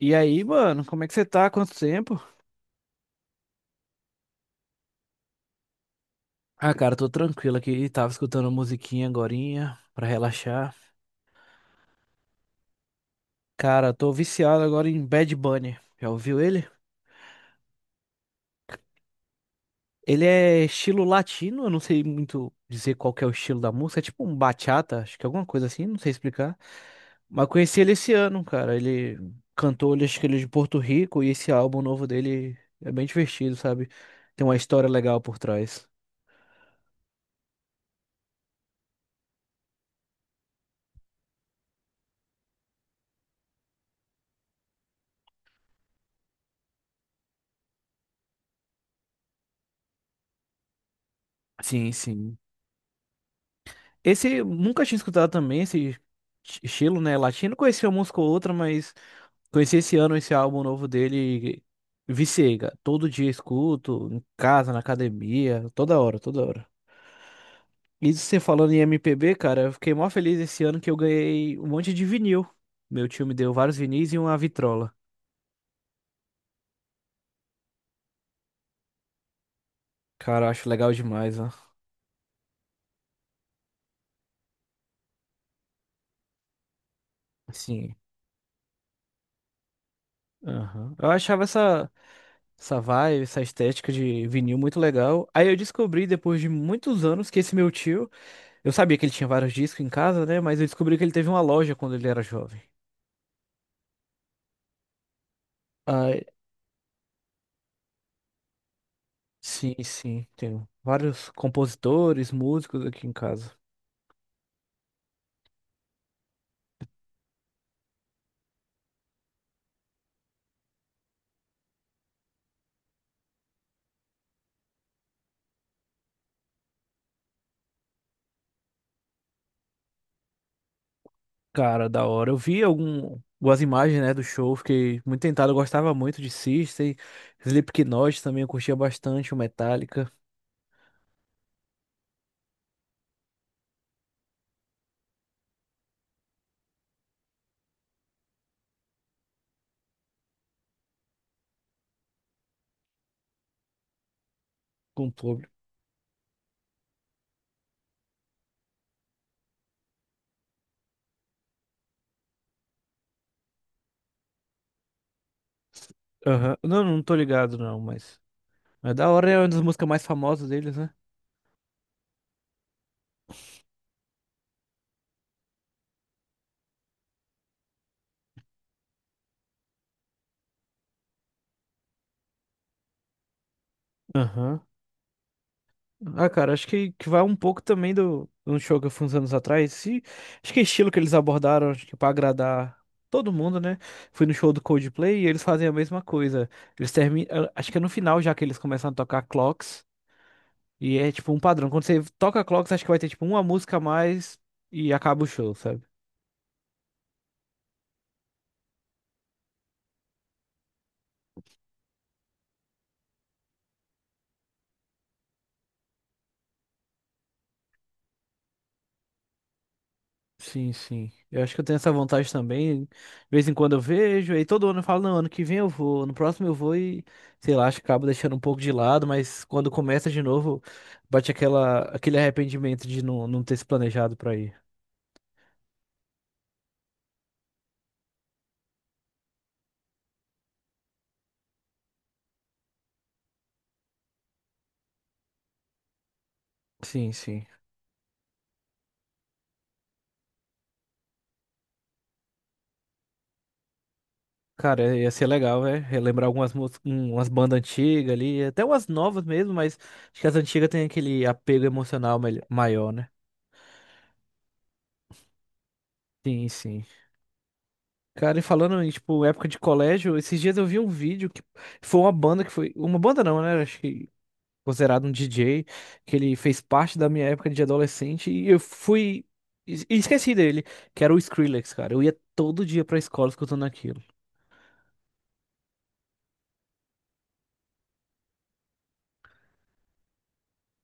E aí, mano, como é que você tá? Quanto tempo? Ah, cara, tô tranquilo aqui. Tava escutando musiquinha agorinha pra relaxar. Cara, tô viciado agora em Bad Bunny. Já ouviu ele? Ele é estilo latino, eu não sei muito dizer qual que é o estilo da música. É tipo um bachata, acho que é alguma coisa assim, não sei explicar. Mas conheci ele esse ano, cara. Ele cantou, ele, acho que ele é de Porto Rico e esse álbum novo dele é bem divertido, sabe? Tem uma história legal por trás. Sim, sim. Esse nunca tinha escutado também estilo, né? Latino, conhecia uma música ou outra, mas conheci esse ano esse álbum novo dele e viciei, cara. Todo dia escuto, em casa, na academia, toda hora, toda hora. E você falando em MPB, cara, eu fiquei mó feliz esse ano que eu ganhei um monte de vinil. Meu tio me deu vários vinis e uma vitrola. Cara, eu acho legal demais, ó. Sim. Aham. Eu achava essa vibe, essa estética de vinil muito legal. Aí eu descobri, depois de muitos anos, que esse meu tio. Eu sabia que ele tinha vários discos em casa, né? Mas eu descobri que ele teve uma loja quando ele era jovem. Ah, sim, sim. Tenho vários compositores, músicos aqui em casa. Cara, da hora. Algumas imagens, né, do show, fiquei muito tentado. Eu gostava muito de System, Slipknot também, eu curtia bastante o Metallica. Com o público. Aham. Não, não tô ligado não, mas... É da hora, é uma das músicas mais famosas deles, né? Aham. Ah, cara, que vai um pouco também do, de um show que eu fui uns anos atrás. E acho que é estilo que eles abordaram, acho que pra agradar todo mundo, né? Fui no show do Coldplay e eles fazem a mesma coisa. Eles terminam. Acho que é no final já que eles começam a tocar Clocks. E é tipo um padrão. Quando você toca Clocks, acho que vai ter tipo uma música a mais e acaba o show, sabe? Sim, sim. Eu acho que eu tenho essa vontade também. De vez em quando eu vejo, aí todo ano eu falo, não, ano que vem eu vou, no próximo eu vou e, sei lá, acho que acabo deixando um pouco de lado, mas quando começa de novo, bate aquele arrependimento de não, não ter se planejado pra ir. Sim, sim. Cara, é, ia ser legal, né? Relembrar algumas mús- um- umas bandas antigas ali, até umas novas mesmo, mas acho que as antigas têm aquele apego emocional maior, né? Sim, sim. Cara, e falando em, tipo, época de colégio, esses dias eu vi um vídeo que foi uma banda que foi. Uma banda não, né? Acho que considerado um DJ, que ele fez parte da minha época de adolescente e eu fui. Esqueci dele, que era o Skrillex, cara. Eu ia todo dia pra escola escutando aquilo.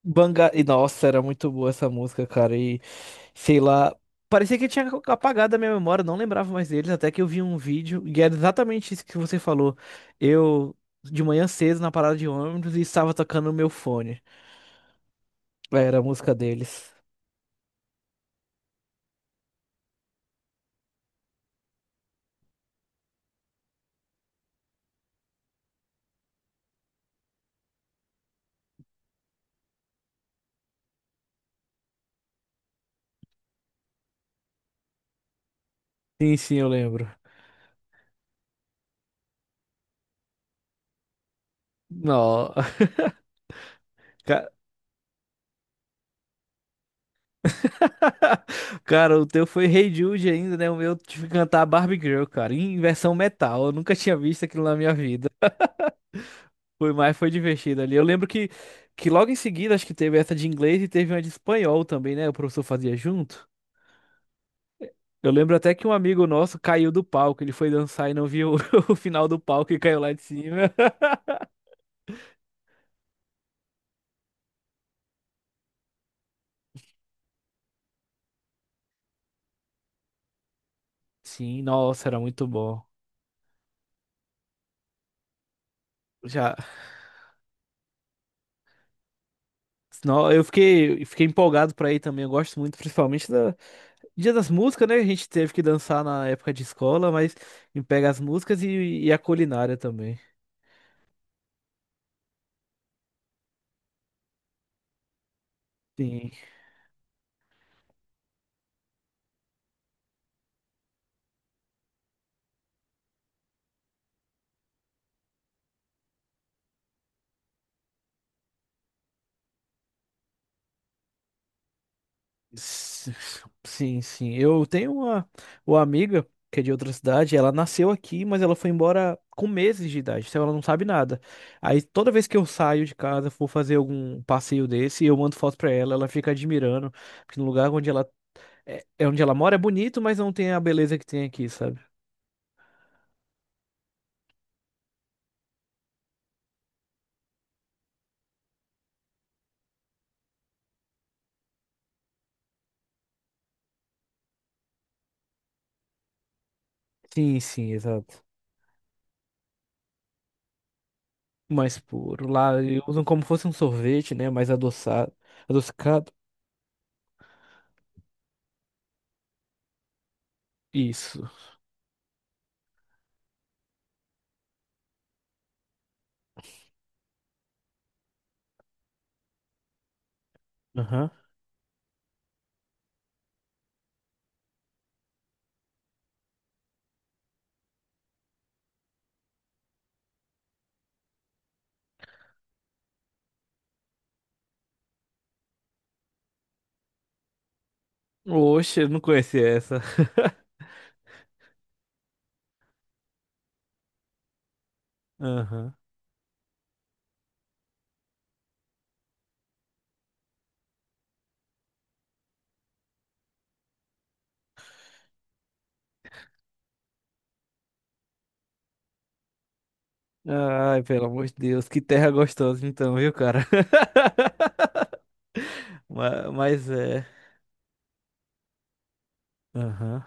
Banga... E nossa, era muito boa essa música, cara. E sei lá. Parecia que tinha apagado a minha memória, não lembrava mais deles, até que eu vi um vídeo, e era exatamente isso que você falou. Eu, de manhã cedo, na parada de ônibus, e estava tocando o meu fone. Era a música deles. Sim, sim, eu lembro. Não. Ca- Cara, o teu foi Hey Jude ainda, né? O meu eu tive que cantar Barbie Girl, cara, em versão metal. Eu nunca tinha visto aquilo na minha vida. Foi mais, foi divertido ali. Que logo em seguida, acho que teve essa de inglês e teve uma de espanhol também, né? O professor fazia junto. Eu lembro até que um amigo nosso caiu do palco. Ele foi dançar e não viu o final do palco e caiu lá de cima. Sim, nossa, era muito bom. Já senão eu fiquei empolgado pra ir também. Eu gosto muito, principalmente da Dia das Músicas, né? A gente teve que dançar na época de escola, mas me pega as músicas e a culinária também. Sim, S- sim, sim. Eu tenho uma amiga que é de outra cidade. Ela nasceu aqui, mas ela foi embora com meses de idade, então ela não sabe nada. Aí toda vez que eu saio de casa, for fazer algum passeio desse, eu mando foto pra ela, ela fica admirando, porque no lugar onde ela é é onde ela mora é bonito, mas não tem a beleza que tem aqui, sabe? Sim, sim, exato. Mais puro. Lá usam como fosse um sorvete, né? Mais adoçado. Adocicado. Isso. Aham. Oxe, eu não conhecia essa. Aham. Ai, pelo amor de Deus, que terra gostosa então, viu, cara? Ma- Mas é. Aham.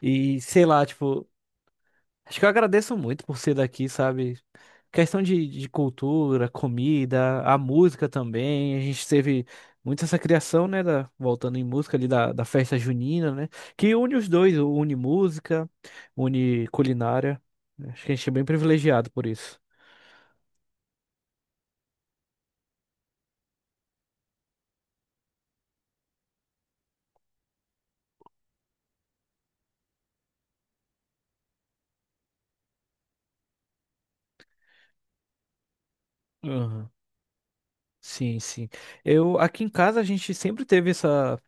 E sei lá, tipo. Acho que eu agradeço muito por ser daqui, sabe? Questão de cultura, comida, a música também. A gente teve muito essa criação, né? da- voltando em música ali da festa junina, né? Que une os dois, une música, une culinária. Acho que a gente é bem privilegiado por isso. Aham. Sim, sim. Eu aqui em casa a gente sempre teve essa,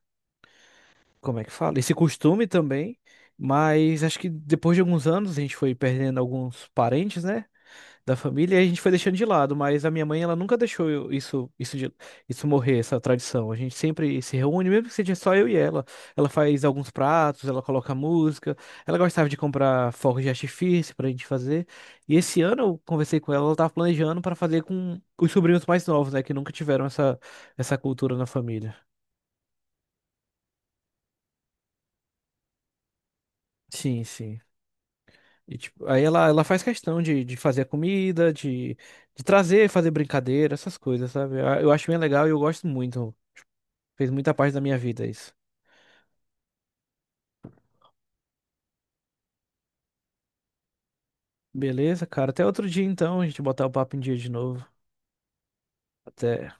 como é que fala? Esse costume também, mas acho que depois de alguns anos a gente foi perdendo alguns parentes, né? Da família e a gente foi deixando de lado, mas a minha mãe ela nunca deixou isso isso morrer, essa tradição. A gente sempre se reúne, mesmo que seja só eu e ela. Ela faz alguns pratos, ela coloca música, ela gostava de comprar fogos de artifício pra gente fazer. E esse ano eu conversei com ela, ela tava planejando para fazer com os sobrinhos mais novos, né, que nunca tiveram essa cultura na família. Sim, sim. E, tipo, ela faz questão de fazer a comida, de trazer, fazer brincadeira, essas coisas, sabe? Eu acho bem legal e eu gosto muito. Fez muita parte da minha vida isso. Beleza, cara. Até outro dia então, a gente botar o papo em dia de novo. Até.